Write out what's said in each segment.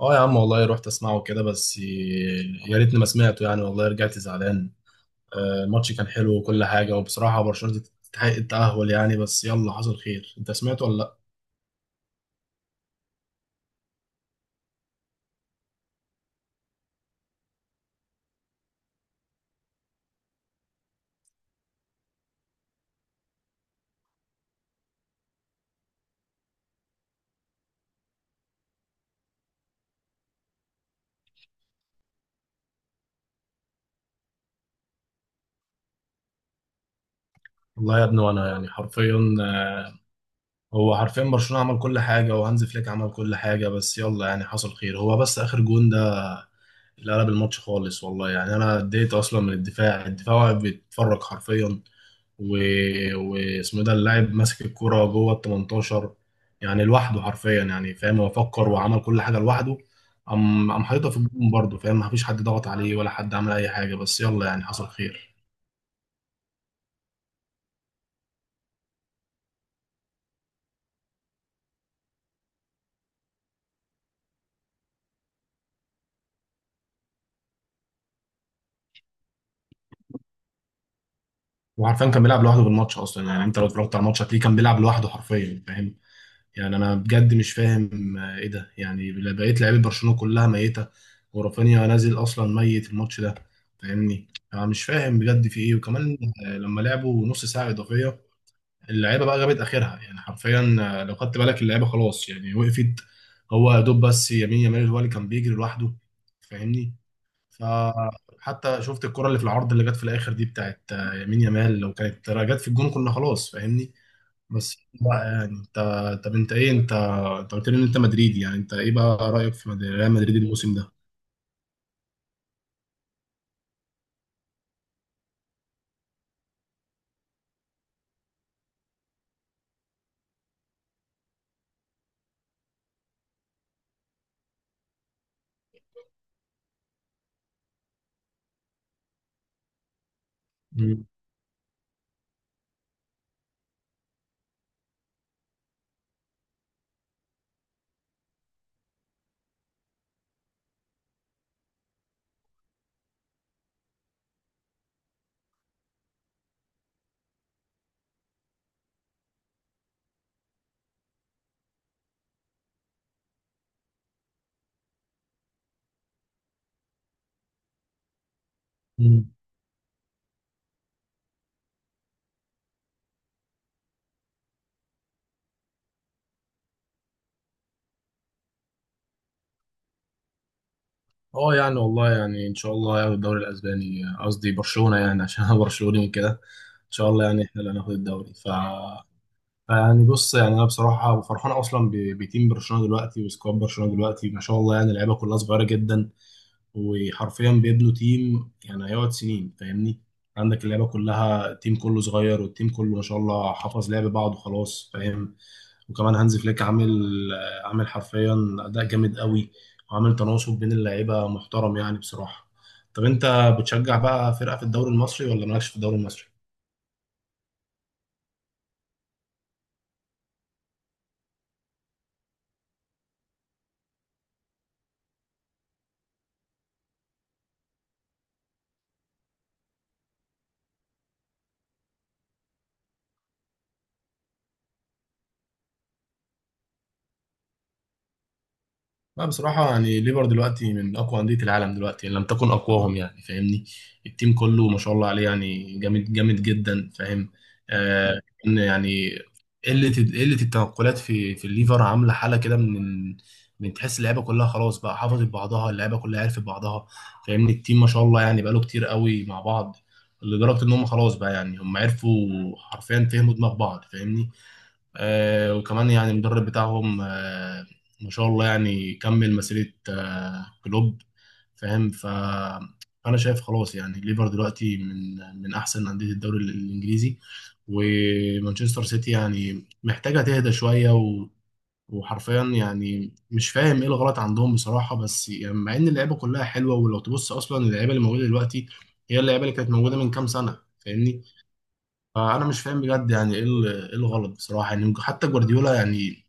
اه يا عم والله رحت اسمعه كده بس يا ريتني ما سمعته يعني والله رجعت زعلان. الماتش كان حلو وكل حاجة وبصراحة برشلونة تستحق التأهل يعني بس يلا حصل خير. انت سمعته ولا لا؟ والله يا ابني وانا يعني حرفيا هو حرفيا برشلونة عمل كل حاجة وهانز فليك عمل كل حاجة بس يلا يعني حصل خير. هو بس آخر جون ده اللي قلب الماتش خالص والله يعني. انا اديت اصلا من الدفاع واقف بيتفرج حرفيا و... واسمه إيه ده اللاعب ماسك الكرة جوه ال 18 يعني لوحده حرفيا يعني فاهم. هو فكر وعمل كل حاجة لوحده. قام حاططها في الجون برضه فاهم. مفيش حد ضغط عليه ولا حد عمل اي حاجة بس يلا يعني حصل خير. وعارفين كان بيلعب لوحده في الماتش اصلا. يعني انت لو اتفرجت على الماتش هتلاقيه كان بيلعب لوحده حرفيا فاهم. يعني انا بجد مش فاهم ايه ده يعني. بقيت لعيبه برشلونه كلها ميته ورافينيا نازل اصلا ميت الماتش ده فاهمني. انا مش فاهم بجد في ايه وكمان. لما لعبوا نص ساعه اضافيه اللعيبه بقى جابت اخرها يعني حرفيا. لو خدت بالك اللعيبه خلاص يعني وقفت. هو يا دوب بس يمين يامال هو اللي كان بيجري لوحده فاهمني. فحتى شفت الكره اللي في العرض اللي جت في الاخر دي بتاعت يمين يامال. لو كانت جت في الجون كنا خلاص فاهمني. بس بقى يعني انت، طب انت ايه، انت انت قلت لي ان انت مدريدي. يعني انت ايه بقى رايك في ريال مدريد الموسم ده؟ مم. مم. اه يعني والله يعني ان شاء الله هياخد الدوري الاسباني، قصدي برشلونه يعني عشان انا برشلوني وكده. ان شاء الله يعني احنا اللي هناخد الدوري. يعني بص يعني انا بصراحه فرحان اصلا بتيم برشلونه دلوقتي وسكواد برشلونه دلوقتي ما شاء الله يعني اللعيبه كلها صغيره جدا. وحرفيا بيبنوا تيم يعني هيقعد سنين فاهمني. عندك اللعبة كلها، التيم كله صغير والتيم كله ما شاء الله حفظ لعب بعض وخلاص فاهم. وكمان هانز فليك عامل، عامل حرفيا أداء جامد قوي وعامل تناسق بين اللعيبة محترم يعني بصراحة. طب انت بتشجع بقى فرقة في الدوري المصري ولا مالكش في الدوري المصري؟ لا بصراحة يعني ليفر دلوقتي من أقوى أندية العالم دلوقتي إن لم تكن أقواهم يعني فاهمني. التيم كله ما شاء الله عليه يعني جامد جامد جدا فاهم. آه إن يعني قلة التنقلات في الليفر عاملة حالة كده. من تحس اللعيبة كلها خلاص بقى حافظت بعضها، اللعيبة كلها عرفت بعضها فاهمني. التيم ما شاء الله يعني بقاله كتير قوي مع بعض لدرجة إن هم خلاص بقى. يعني هم عرفوا حرفيا فهموا دماغ بعض فاهمني. وكمان يعني المدرب بتاعهم ما شاء الله يعني كمل مسيرة كلوب فاهم. فأنا شايف خلاص يعني ليفر دلوقتي من أحسن أندية الدوري الإنجليزي. ومانشستر سيتي يعني محتاجة تهدى شوية. وحرفيا يعني مش فاهم ايه الغلط عندهم بصراحة. بس يعني مع ان اللعيبة كلها حلوة ولو تبص اصلا اللعيبة اللي موجودة دلوقتي هي اللعيبة اللي كانت موجودة من كام سنة فاهمني. فانا مش فاهم بجد يعني ايه إيه الغلط بصراحه. يعني حتى جوارديولا يعني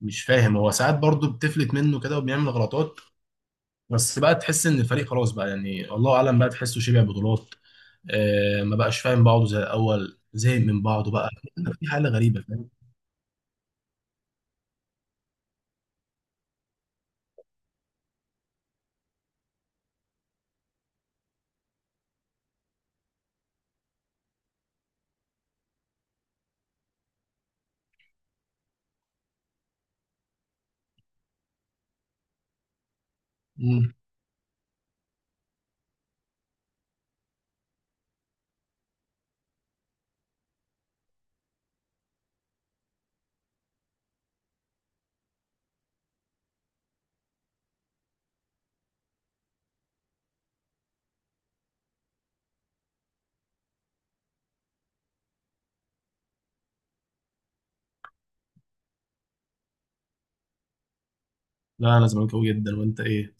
مش فاهم، هو ساعات برضه بتفلت منه كده وبيعمل غلطات. بس بقى تحس ان الفريق خلاص بقى يعني الله اعلم بقى. تحسه شبع بطولات آه، ما بقاش فاهم بعضه زي الاول، زهق من بعضه بقى. في حاله غريبه فاهم. مم. لا انا زملكاوي جدا، وانت ايه؟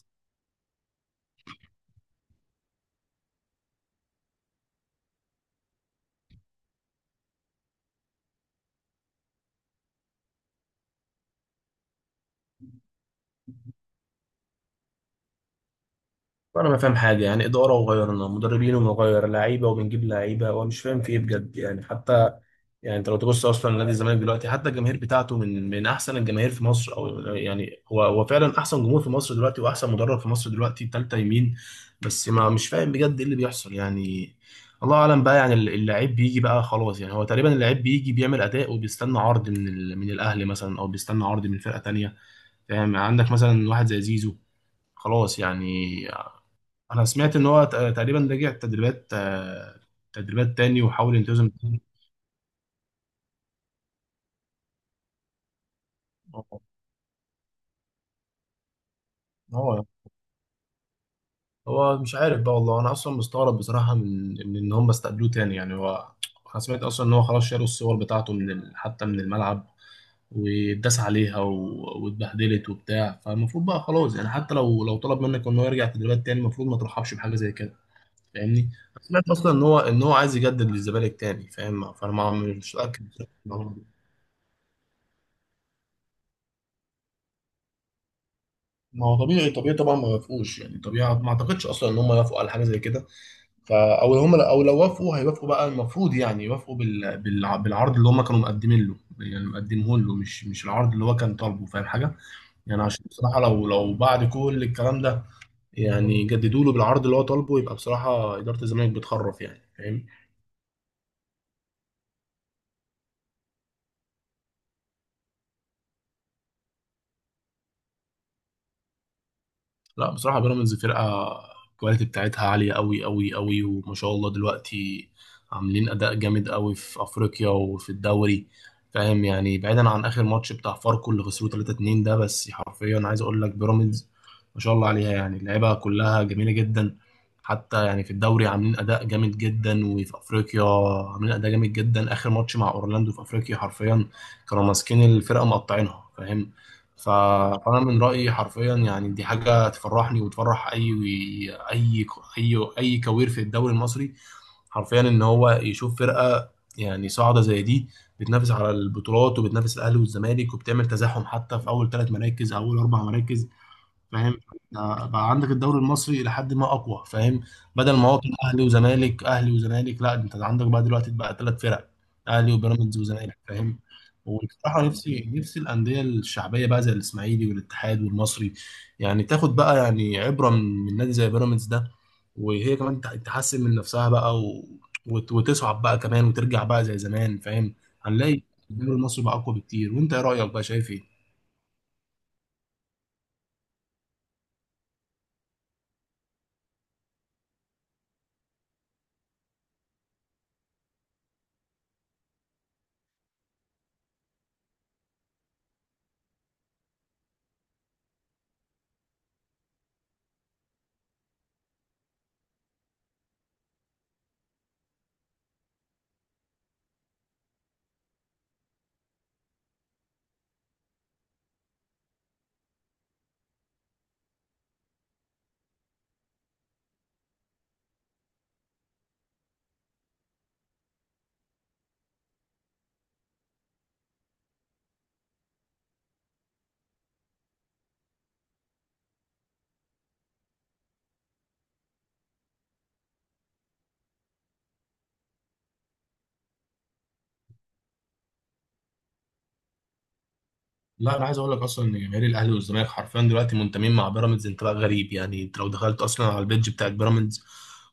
انا ما فاهم حاجه، يعني اداره وغيرنا مدربين وغير لعيبه وبنجيب لعيبه وانا مش فاهم في ايه بجد. يعني حتى يعني انت لو تبص اصلا نادي الزمالك دلوقتي حتى الجماهير بتاعته من احسن الجماهير في مصر، او يعني هو فعلا احسن جمهور في مصر دلوقتي واحسن مدرب في مصر دلوقتي تالتة يمين. بس ما مش فاهم بجد ايه اللي بيحصل يعني. الله اعلم بقى يعني. اللاعب بيجي بقى خلاص يعني، هو تقريبا اللاعب بيجي بيعمل اداء وبيستنى عرض من الاهلي مثلا او بيستنى عرض من فرقة تانية فاهم. عندك مثلا واحد زي زيزو خلاص يعني. انا سمعت ان هو تقريبا رجع تدريبات، تدريبات تاني وحاول ينتظم تاني. هو هو مش عارف بقى والله. انا اصلا مستغرب بصراحه من ان هم استقبلوه تاني يعني. هو انا سمعت اصلا ان هو خلاص شالوا الصور بتاعته حتى من الملعب واتداس عليها. واتبهدلت وبتاع. فالمفروض بقى خلاص يعني حتى لو طلب منك ان هو يرجع تدريبات تاني المفروض ما ترحبش بحاجه زي كده فاهمني. انا سمعت اصلا ان هو عايز يجدد للزمالك تاني فاهم. فانا ما مش متاكد بصراحة. ما هو طبيعي طبعا ما يوافقوش يعني. طبيعي ما اعتقدش اصلا ان هم يوافقوا على حاجه زي كده. او هم او لو وافقوا هيوافقوا بقى المفروض يعني يوافقوا بالعرض اللي هم كانوا مقدمين له يعني مقدمه له، مش العرض اللي هو كان طالبه فاهم حاجه. يعني عشان بصراحه لو بعد كل الكلام ده يعني جددوا له بالعرض اللي هو طالبه يبقى بصراحه اداره الزمالك بتخرف يعني فاهم. لا بصراحة بيراميدز فرقة الكواليتي بتاعتها عالية أوي أوي أوي وما شاء الله دلوقتي عاملين أداء جامد أوي في أفريقيا وفي الدوري فاهم. يعني بعيدا عن آخر ماتش بتاع فاركو اللي خسروه 3-2 ده، بس حرفيا عايز أقول لك بيراميدز ما شاء الله عليها يعني اللعيبة كلها جميلة جدا. حتى يعني في الدوري عاملين أداء جامد جدا وفي أفريقيا عاملين أداء جامد جدا. آخر ماتش مع أورلاندو في أفريقيا حرفيا كانوا ماسكين الفرقة مقطعينها فاهم. ف- فانا من رايي حرفيا يعني دي حاجه تفرحني وتفرح اي اي كوير في الدوري المصري حرفيا، ان هو يشوف فرقه يعني صاعده زي دي بتنافس على البطولات وبتنافس الاهلي والزمالك وبتعمل تزاحم حتى في اول ثلاث مراكز، اول اربع مراكز فاهم. بقى عندك الدوري المصري الى حد ما اقوى فاهم. بدل ما هو كان اهلي وزمالك اهلي وزمالك، لا انت عندك بقى دلوقتي بقى ثلاث فرق: اهلي وبيراميدز وزمالك فاهم. وبصراحه نفسي الانديه الشعبيه بقى زي الاسماعيلي والاتحاد والمصري يعني تاخد بقى يعني عبره من نادي زي بيراميدز ده. وهي كمان تحسن من نفسها بقى. وتصعد بقى كمان وترجع بقى زي زمان فاهم. هنلاقي الدوري المصري بقى اقوى بكتير. وانت ايه رايك بقى شايف ايه؟ لا انا عايز اقول لك اصلا ان جماهير الاهلي والزمالك حرفيا دلوقتي منتمين مع بيراميدز انتماء غريب. يعني انت لو دخلت اصلا على البيدج بتاعت بيراميدز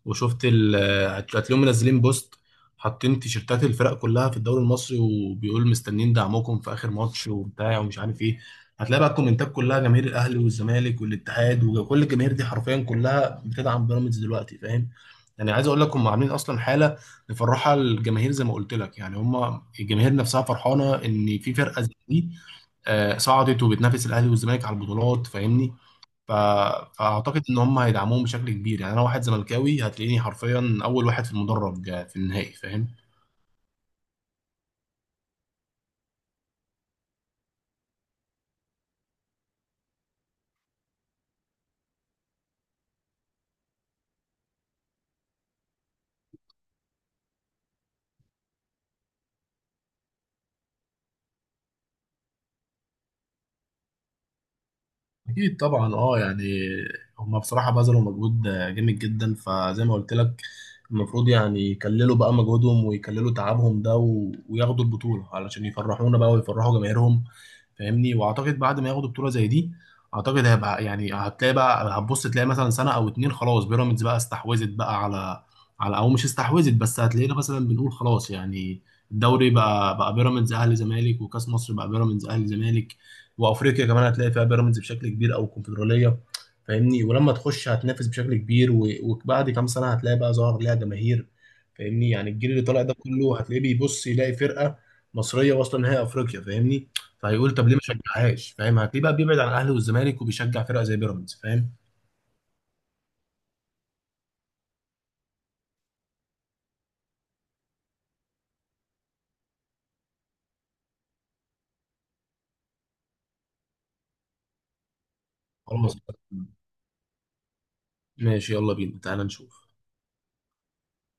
وشفت هتلاقيهم منزلين بوست حاطين تيشيرتات الفرق كلها في الدوري المصري وبيقول مستنيين دعمكم في اخر ماتش وبتاع ومش عارف ايه. هتلاقي بقى الكومنتات كلها جماهير الاهلي والزمالك والاتحاد وكل الجماهير دي حرفيا كلها بتدعم بيراميدز دلوقتي فاهم. يعني عايز اقول لك هم عاملين اصلا حاله مفرحه الجماهير زي ما قلت لك. يعني هم الجماهير نفسها فرحانه ان في فرقه زي دي صعدت وبتنافس الاهلي والزمالك على البطولات فاهمني ف... فاعتقد ان هم هيدعموهم بشكل كبير. يعني انا واحد زملكاوي هتلاقيني حرفيا اول واحد في المدرج في النهائي فاهم. اكيد طبعا اه يعني، هما بصراحه بذلوا مجهود جامد جدا. فزي ما قلت لك المفروض يعني يكللوا بقى مجهودهم ويكللوا تعبهم ده. وياخدوا البطوله علشان يفرحونا بقى ويفرحوا جماهيرهم فاهمني. واعتقد بعد ما ياخدوا بطوله زي دي اعتقد هيبقى يعني هتلاقي بقى هتبص تلاقي مثلا سنه او اتنين خلاص بيراميدز بقى استحوذت بقى على او مش استحوذت. بس هتلاقينا مثلا بنقول خلاص، يعني الدوري بقى بيراميدز اهلي زمالك، وكاس مصر بقى بيراميدز اهلي زمالك، وافريقيا كمان هتلاقي فيها بيراميدز بشكل كبير او الكونفدراليه فاهمني. ولما تخش هتنافس بشكل كبير وبعد كام سنه هتلاقي بقى ظهر ليها جماهير فاهمني. يعني الجيل اللي طالع ده كله هتلاقيه بيبص يلاقي فرقه مصريه واصله نهائي افريقيا فاهمني. فهيقول طب ليه ما اشجعهاش فاهم. هتلاقيه بقى بيبعد عن الاهلي والزمالك وبيشجع فرقه زي بيراميدز فاهم. خلاص ماشي يلا بينا تعالى نشوف.